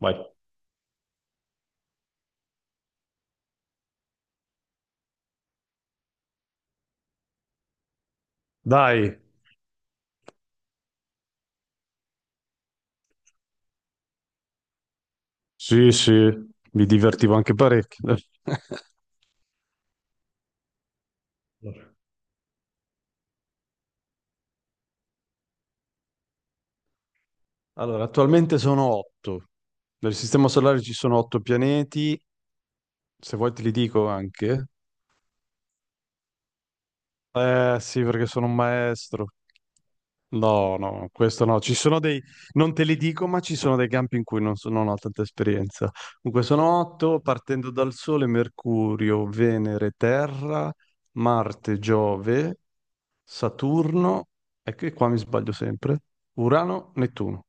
Vai. Dai, sì, sì, mi divertivo anche parecchio. Allora, attualmente sono otto. Nel sistema solare ci sono otto pianeti. Se vuoi te li dico anche. Eh sì, perché sono un maestro. No, no, questo no. Ci sono dei... Non te li dico, ma ci sono dei campi in cui non ho tanta esperienza. Comunque sono otto, partendo dal Sole, Mercurio, Venere, Terra, Marte, Giove, Saturno, e che qua mi sbaglio sempre. Urano, Nettuno.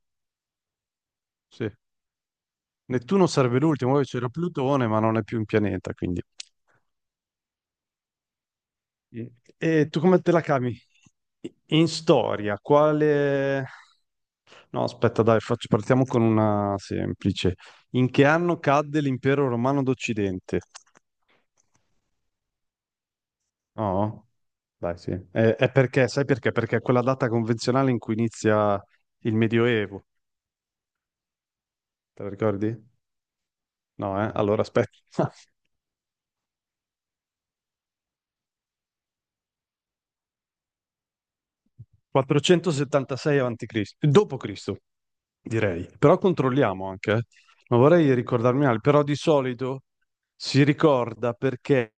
Sì. Nettuno sarebbe l'ultimo, poi c'era Plutone, ma non è più un pianeta, quindi. Sì. E tu come te la cavi? In storia, quale... No, aspetta, dai, partiamo con una semplice. In che anno cadde l'impero romano d'Occidente? No, dai, sì. È perché, sai perché? Perché è quella data convenzionale in cui inizia il Medioevo. Te la ricordi? No, eh? Allora aspetta. 476 avanti Cristo, dopo Cristo, direi. Però controlliamo anche, eh. Non vorrei ricordarmi male, però di solito si ricorda perché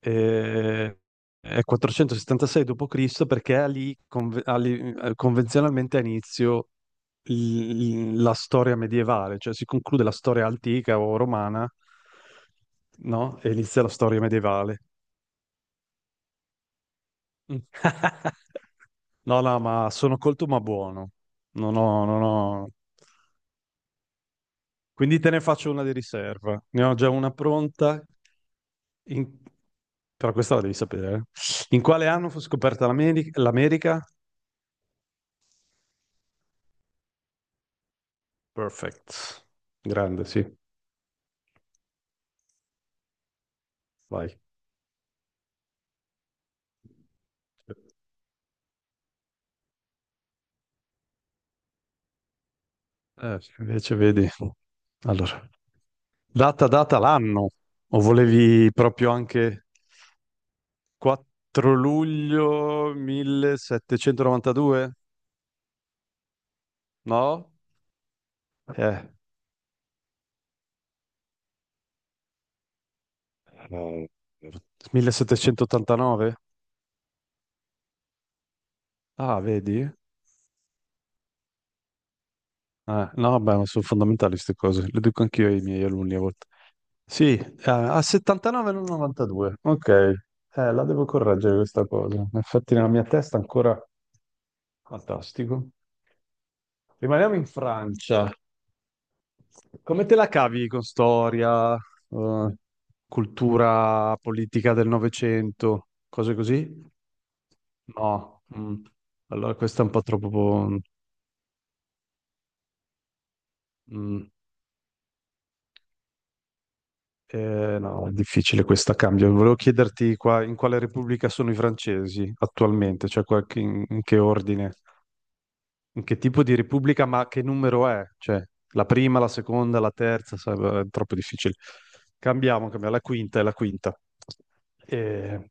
eh, è 476 dopo Cristo, perché è lì ha lì, convenzionalmente a inizio la storia medievale, cioè si conclude la storia antica o romana, no? E inizia la storia medievale. Mm. No, no, ma sono colto ma buono. Non ho... Quindi te ne faccio una di riserva. Ne ho già una pronta. In- Però questa la devi sapere. Eh. In quale anno fu scoperta l'America? Perfect. Grande, sì. Vai. Sì, invece vedi. Allora, data l'anno. O volevi proprio anche 4 luglio 1792? No? Eh. Eh, 1789? Ah, vedi? No, beh, ma sono fondamentali queste cose, le dico anch'io ai miei alunni a volte. Sì, a 79 non 92. Ok, la devo correggere questa cosa. Infatti nella mia testa ancora fantastico. Rimaniamo in Francia. Come te la cavi con storia, cultura politica del Novecento, cose così? No. Mm. Allora questa è un po' troppo... mm. No, è difficile questa cambio. Volevo chiederti qua in quale repubblica sono i francesi attualmente, cioè in che ordine, in che tipo di repubblica, ma che numero è? Cioè, la prima, la seconda, la terza, sai, è troppo difficile. Cambiamo, cambiamo, la quinta è la quinta. Eh,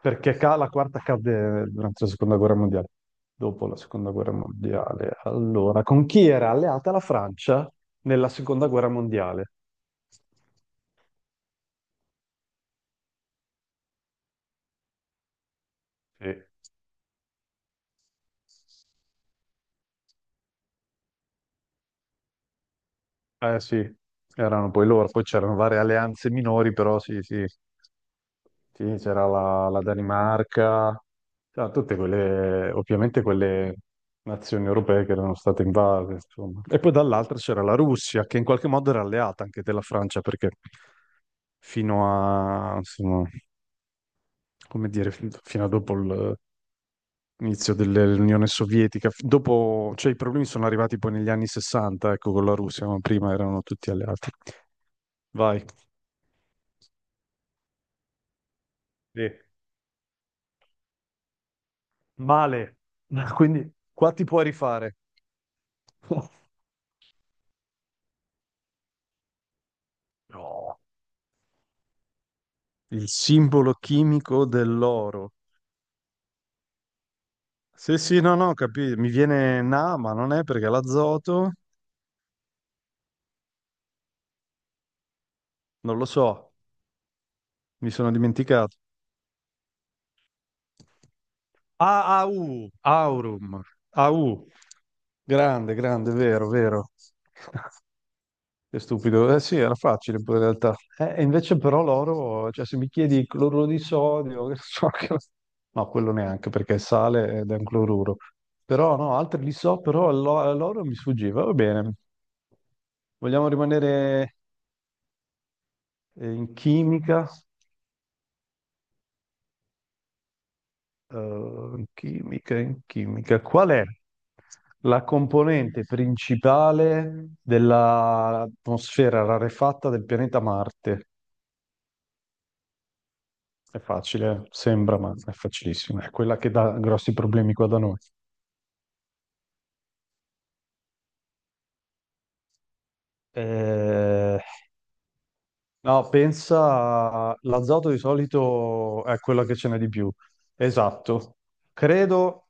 perché la quarta cadde durante la seconda guerra mondiale. Dopo la seconda guerra mondiale. Allora, con chi era alleata la Francia nella seconda guerra mondiale? Sì. Eh sì, erano poi loro, poi c'erano varie alleanze minori, però sì, sì, sì, c'era la Danimarca, c'era tutte quelle, ovviamente quelle nazioni europee che erano state invase, insomma. E poi dall'altra c'era la Russia, che in qualche modo era alleata anche della Francia, perché fino a, insomma, come dire, fino a dopo l'inizio dell'Unione Sovietica, dopo, cioè i problemi sono arrivati poi negli anni 60, ecco, con la Russia, ma prima erano tutti alleati. Vai. Sì. Male. Quindi qua ti puoi rifare. No, il simbolo chimico dell'oro. Sì, sì, no, no, capito. Mi viene Na, ma non è perché l'azoto, non lo so, mi sono dimenticato. Ah, AU, Aurum, AU. Grande, grande, vero, vero. Che stupido. Eh sì, era facile poi in realtà. E invece però l'oro, cioè se mi chiedi cloruro di sodio, che so che... No, quello neanche perché è sale ed è un cloruro. Però no, altri li so, però l'oro mi sfuggiva. Va bene. Vogliamo rimanere in chimica? Eh, in chimica, in chimica. Qual è la componente principale dell'atmosfera rarefatta del pianeta Marte? È facile, sembra, ma è facilissimo. È quella che dà grossi problemi qua da noi. Eh, no, pensa, l'azoto di solito è quella che ce n'è di più. Esatto. Credo,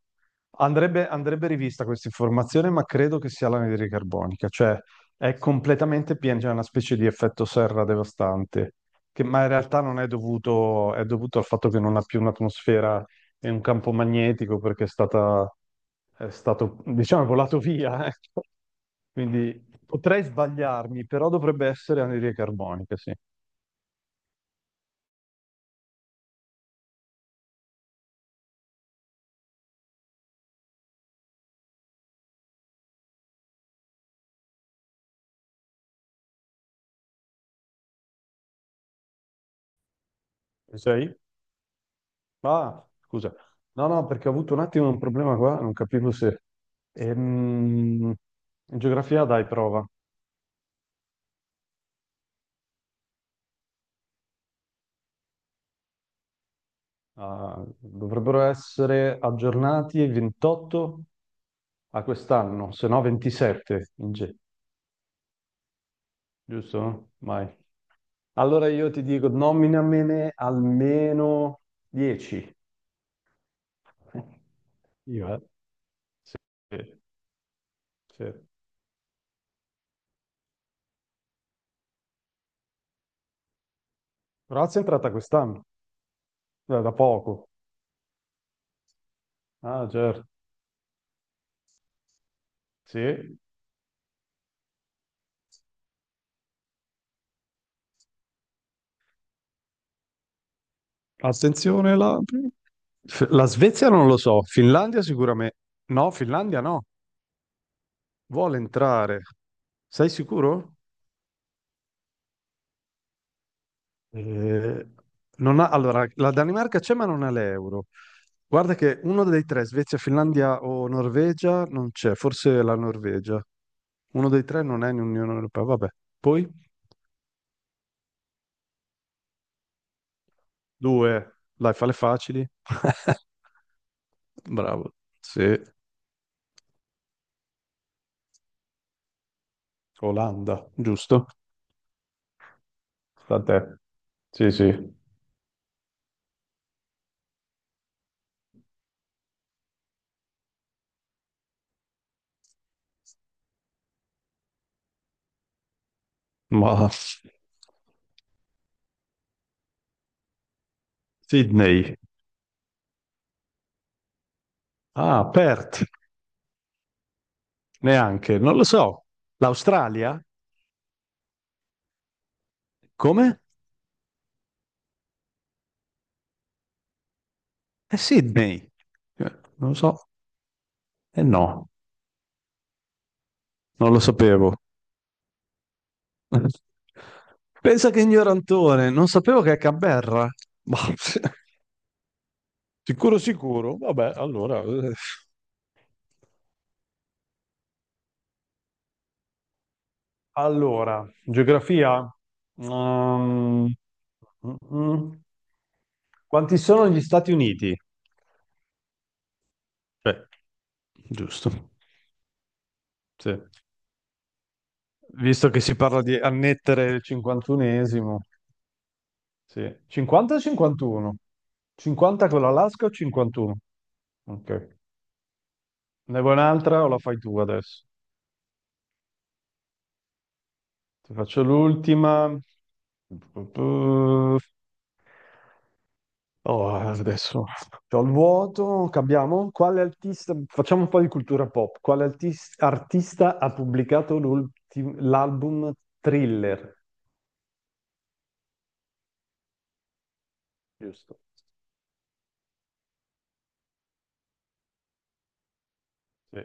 andrebbe rivista questa informazione, ma credo che sia l'anidride carbonica, cioè è completamente piena, c'è una specie di effetto serra devastante, che, ma in realtà non è dovuto, è dovuto al fatto che non ha più un'atmosfera e un campo magnetico perché è stato, diciamo, volato via, ecco. Quindi potrei sbagliarmi, però dovrebbe essere anidride carbonica, sì. Ci sei? Ah, scusa. No, no, perché ho avuto un attimo un problema qua, non capivo se... Ehm, in geografia dai prova. Ah, dovrebbero essere aggiornati il 28 a quest'anno, se no 27 in G, giusto? Mai. Allora io ti dico, nominamene almeno 10. Io, eh. Sì, sì. Croazia è entrata quest'anno, da poco. Ah, certo. Sì. Attenzione, la... la Svezia non lo so, Finlandia sicuramente. No, Finlandia no, vuole entrare. Sei sicuro? Eh, Non ha- allora, la Danimarca c'è ma non ha l'euro. Guarda che uno dei tre, Svezia, Finlandia o Norvegia, non c'è, forse la Norvegia. Uno dei tre non è in Unione Europea, vabbè. Poi? Due, dai, fale facili. Bravo. Sì, Olanda, giusto? Sta a te. Sì, sì. Ma Sydney. Ah, Perth, neanche, non lo so. L'Australia? Come? È Sydney. Non lo so. Eh no, non lo sapevo. Pensa che ignorantone, non sapevo che è Canberra. Ma- Sicuro, sicuro. Vabbè, allora... Allora, geografia. Mm, mm, mm. Quanti sono gli Stati Uniti? Cioè, giusto. Sì. Visto che si parla di annettere il 51esimo. Sì. 50 o 51? 50 con l'Alaska o 51? Ok. Ne vuoi un'altra o la fai tu adesso? Ti faccio l'ultima. Oh, adesso c'ho il vuoto, cambiamo. Quale artista, facciamo un po' di cultura pop. Quale artista ha pubblicato l'album Thriller? Giusto. Sì.